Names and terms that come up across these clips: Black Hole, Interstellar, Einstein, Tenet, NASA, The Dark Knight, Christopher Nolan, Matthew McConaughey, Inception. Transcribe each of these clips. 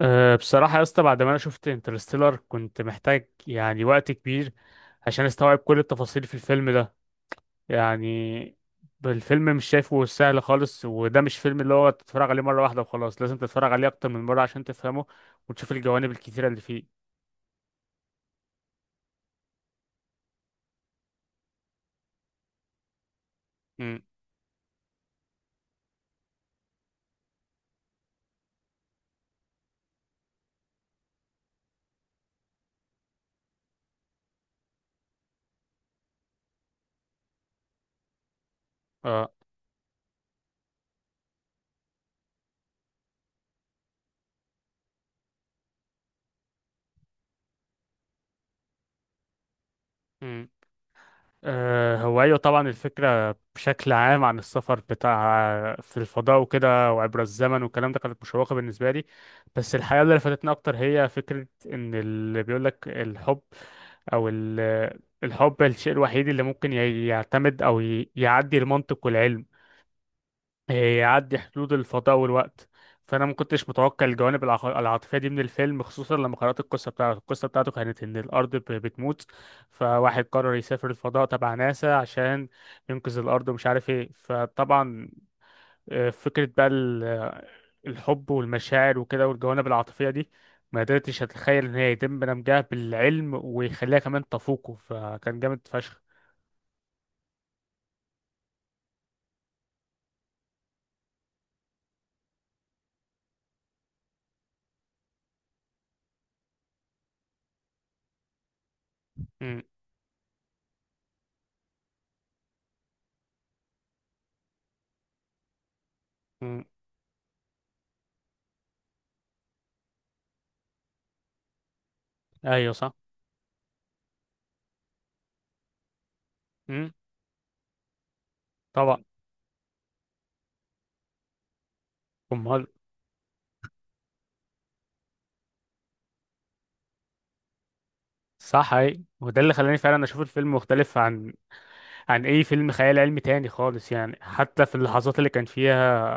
بصراحة يا اسطى، بعد ما أنا شفت انترستيلر كنت محتاج يعني وقت كبير عشان أستوعب كل التفاصيل في الفيلم ده. يعني الفيلم مش شايفه سهل خالص، وده مش فيلم اللي هو تتفرج عليه مرة واحدة وخلاص، لازم تتفرج عليه أكتر من مرة عشان تفهمه وتشوف الجوانب الكتيرة اللي فيه. امم اه. هو أيوة طبعا الفكرة بشكل عام عن السفر بتاع في الفضاء وكده وعبر الزمن والكلام ده كانت مشوقة بالنسبة لي، بس الحقيقة اللي لفتتني أكتر هي فكرة إن اللي بيقولك الحب أو الحب الشيء الوحيد اللي ممكن يعتمد أو يعدي المنطق والعلم، يعدي حدود الفضاء والوقت. فانا ما كنتش متوقع الجوانب العاطفيه دي من الفيلم، خصوصا لما قرات القصه بتاعته. القصه بتاعته كانت ان الارض بتموت، فواحد قرر يسافر الفضاء تبع ناسا عشان ينقذ الارض ومش عارف ايه. فطبعا فكره بقى الحب والمشاعر وكده والجوانب العاطفيه دي، ما قدرتش اتخيل ان هي يتم دمجها بالعلم ويخليها كمان تفوقه، فكان جامد فشخ. م- م. ايوه صح. م. طبعا. امال. صح اي. وده اللي خلاني فعلا اشوف الفيلم مختلف عن اي فيلم خيال علمي تاني خالص يعني، حتى في اللحظات اللي كان فيها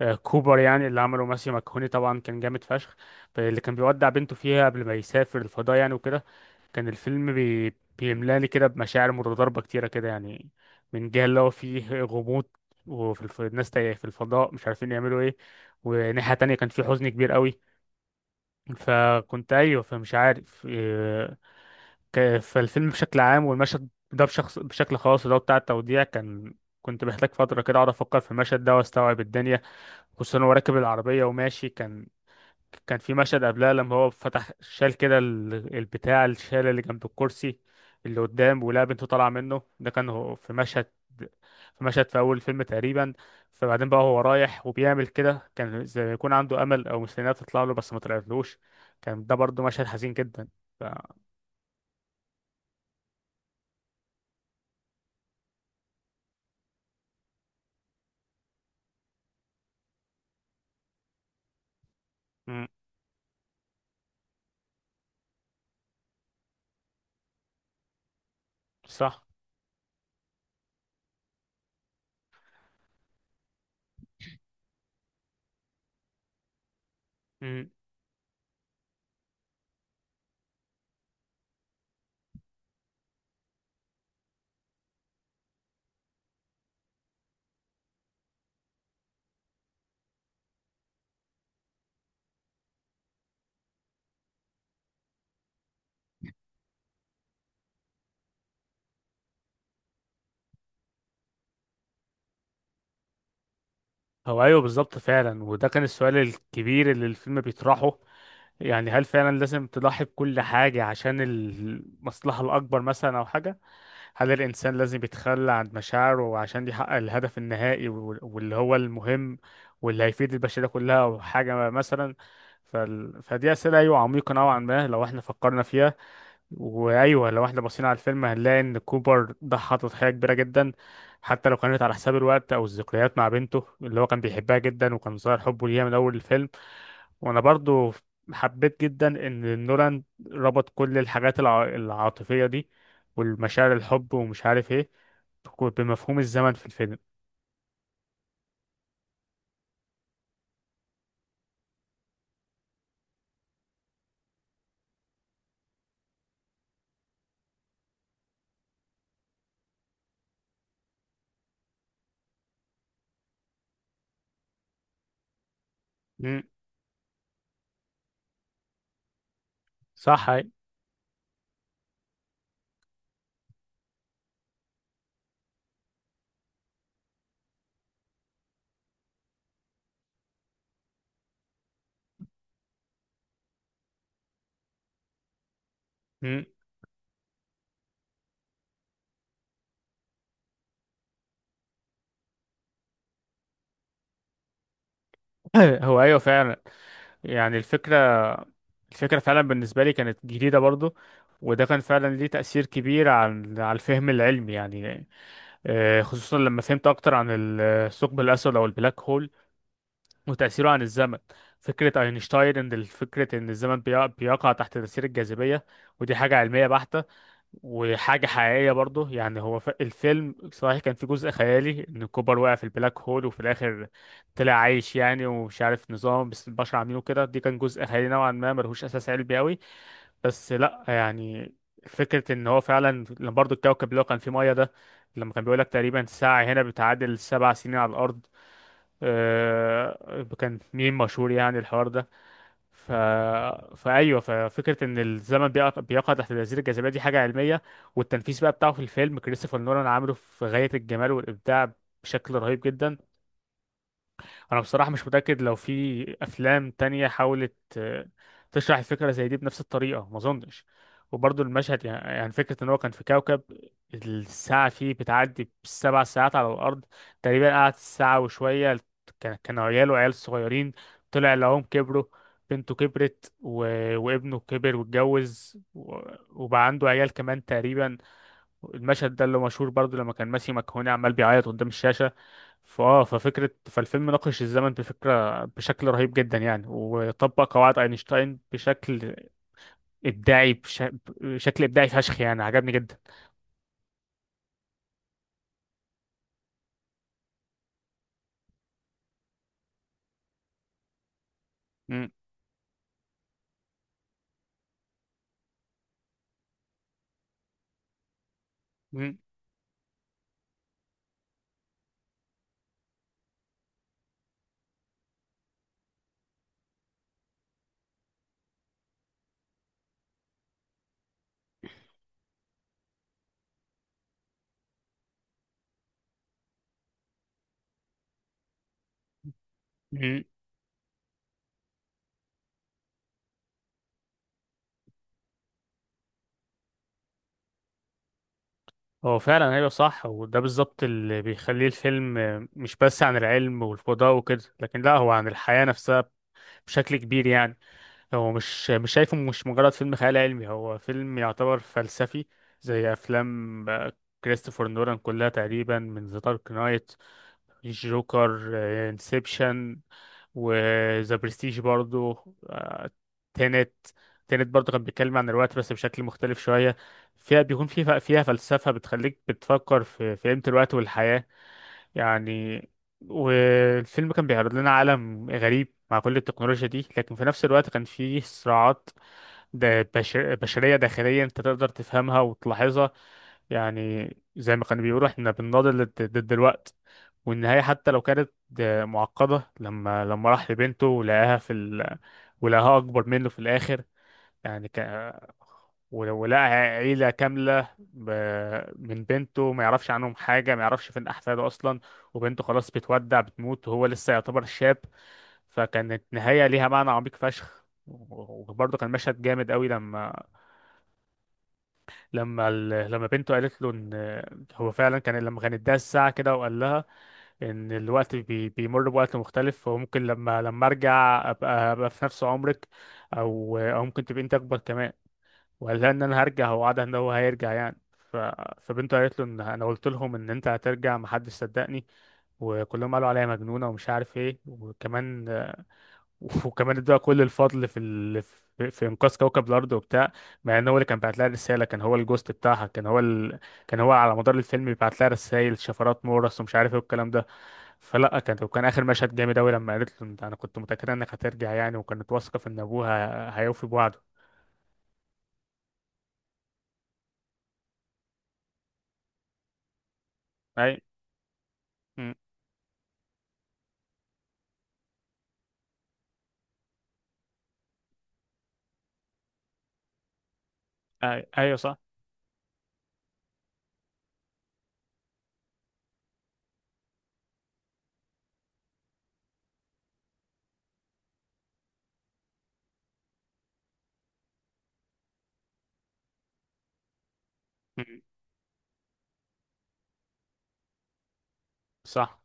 كوبر يعني اللي عمله ماسيو ماكهوني طبعا كان جامد فشخ، اللي كان بيودع بنته فيها قبل ما يسافر الفضاء يعني وكده. كان الفيلم بيملاني كده بمشاعر متضاربة كتيرة كده يعني، من جهة اللي هو فيه غموض وفي الناس تايه في الفضاء مش عارفين يعملوا ايه، وناحية تانية كان فيه حزن كبير قوي. فكنت ايوه، فمش عارف إيه، فالفيلم بشكل عام والمشهد ده بشخص بشكل خاص ده بتاع التوديع كان، كنت محتاج فترة كده اقعد افكر في المشهد ده واستوعب الدنيا. خصوصا هو راكب العربية وماشي، كان في مشهد قبلها لما هو فتح شال كده البتاع الشال اللي جنب الكرسي اللي قدام ولقى بنته طالعة منه. ده كان هو في مشهد، في أول فيلم تقريبا. فبعدين بقى هو رايح وبيعمل كده كان زي ما يكون عنده أمل أو مستنيها تطلع له بس ما طلعتلوش. كان ده برضه مشهد حزين جدا. ف... مم. صح. مم. هو أيوه بالظبط فعلا، وده كان السؤال الكبير اللي الفيلم بيطرحه. يعني هل فعلا لازم تضحي بكل حاجة عشان المصلحة الأكبر مثلا أو حاجة؟ هل الإنسان لازم يتخلى عن مشاعره عشان يحقق الهدف النهائي واللي هو المهم، واللي هيفيد البشرية كلها أو حاجة مثلا؟ فدي أسئلة أيوة عميقة نوعا ما لو احنا فكرنا فيها. وأيوة لو احنا بصينا على الفيلم هنلاقي إن كوبر ضحى تضحية كبيرة جدا، حتى لو كانت على حساب الوقت أو الذكريات مع بنته اللي هو كان بيحبها جدا وكان ظاهر حبه ليها من أول الفيلم. وانا برضو حبيت جدا ان نولان ربط كل الحاجات العاطفية دي والمشاعر الحب ومش عارف ايه بمفهوم الزمن في الفيلم. مم. صح أي. مم. هو ايوه فعلا. يعني الفكرة، فعلا بالنسبة لي كانت جديدة برضو، وده كان فعلا ليه تأثير كبير عن على الفهم العلمي يعني. خصوصا لما فهمت أكتر عن الثقب الأسود أو البلاك هول وتأثيره عن الزمن. فكرة أينشتاين إن فكرة إن الزمن بيقع تحت تأثير الجاذبية، ودي حاجة علمية بحتة وحاجة حقيقية برضه. يعني هو الفيلم صحيح كان في جزء خيالي إن كوبر وقع في البلاك هول وفي الآخر طلع عايش يعني، ومش عارف نظام بس البشر عاملينه كده، دي كان جزء خيالي نوعا ما ملهوش أساس علمي أوي. بس لأ يعني، فكرة إن هو فعلا لما برضه الكوكب اللي هو كان فيه مية ده، لما كان بيقولك تقريبا ساعة هنا بتعادل 7 سنين على الأرض، كان ميم مشهور يعني الحوار ده. ف... فأيوه ففكرة إن الزمن بيقع تحت الأزير الجاذبية، دي حاجة علمية. والتنفيذ بقى بتاعه في الفيلم كريستوفر نولان عامله في غاية الجمال والإبداع بشكل رهيب جدا. انا بصراحة مش متأكد لو في افلام تانية حاولت تشرح الفكرة زي دي بنفس الطريقة، ما اظنش. وبرضه المشهد يعني، فكرة ان هو كان في كوكب الساعة فيه بتعدي ب7 ساعات على الارض، تقريبا قعد ساعة وشوية، كان عياله عيال صغيرين، طلع لهم كبروا، بنته كبرت و... وابنه كبر واتجوز و... وبقى عنده عيال كمان تقريبا. المشهد ده اللي مشهور برضو لما كان ماسي مكهوني عمال بيعيط قدام الشاشة. ففكرة فالفيلم ناقش الزمن بفكرة بشكل رهيب جدا يعني، وطبق قواعد أينشتاين بشكل إبداعي بشكل إبداعي فشخ، يعني عجبني جدا. مم. مم. مم. هو فعلا أيوه صح، وده بالظبط اللي بيخليه الفيلم، مش بس عن العلم والفضاء وكده لكن لا هو عن الحياة نفسها بشكل كبير يعني. هو مش شايفه مش مجرد فيلم خيال علمي، هو فيلم يعتبر فلسفي زي افلام كريستوفر نولان كلها تقريبا، من ذا دارك نايت، جوكر، انسبشن، وذا برستيج برضو. آه، تينت، تينت برضو كان بيتكلم عن الوقت بس بشكل مختلف شوية، فيها بيكون فيها فلسفة بتخليك بتفكر في قيمة الوقت والحياة يعني. والفيلم كان بيعرض لنا عالم غريب مع كل التكنولوجيا دي، لكن في نفس الوقت كان فيه صراعات دا بشر بشرية داخلية انت تقدر تفهمها وتلاحظها يعني. زي ما كانوا بيقولوا احنا بنناضل ضد الوقت. والنهاية حتى لو كانت معقدة، لما راح لبنته ولقاها في ال... ولقاها أكبر منه في الآخر يعني، ك... ولو لقى عيلة كاملة ب... من بنته ما يعرفش عنهم حاجة، ما يعرفش فين أحفاده أصلا، وبنته خلاص بتودع بتموت وهو لسه يعتبر شاب. فكانت نهاية ليها معنى عميق فشخ، وبرضه كان مشهد جامد قوي لما لما بنته قالت له ان هو فعلا كان، لما كان اداها الساعة كده وقال لها ان الوقت بيمر بوقت مختلف وممكن لما ارجع أبقى في نفس عمرك او ممكن تبقى انت اكبر كمان. وقال لها ان انا هرجع، هو وعدها ان هو هيرجع يعني. ف... فبنته قالت له ان انا قلت لهم ان انت هترجع محدش صدقني، وكلهم قالوا عليا مجنونه ومش عارف ايه. وكمان وكمان ادوها كل الفضل في ال... في انقاذ كوكب الارض وبتاع، مع ان هو اللي كان بعت لها الرساله كان هو الجوست بتاعها. كان هو ال... كان هو على مدار الفيلم بيبعت لها رسائل شفرات مورس ومش عارف ايه والكلام ده. فلا كان اخر مشهد جامد قوي لما قالت له انا كنت متاكده انك هترجع يعني، وكانت واثقه في ان ابوها هيوفي بوعده. اي. م. اي ايوه صح. صح.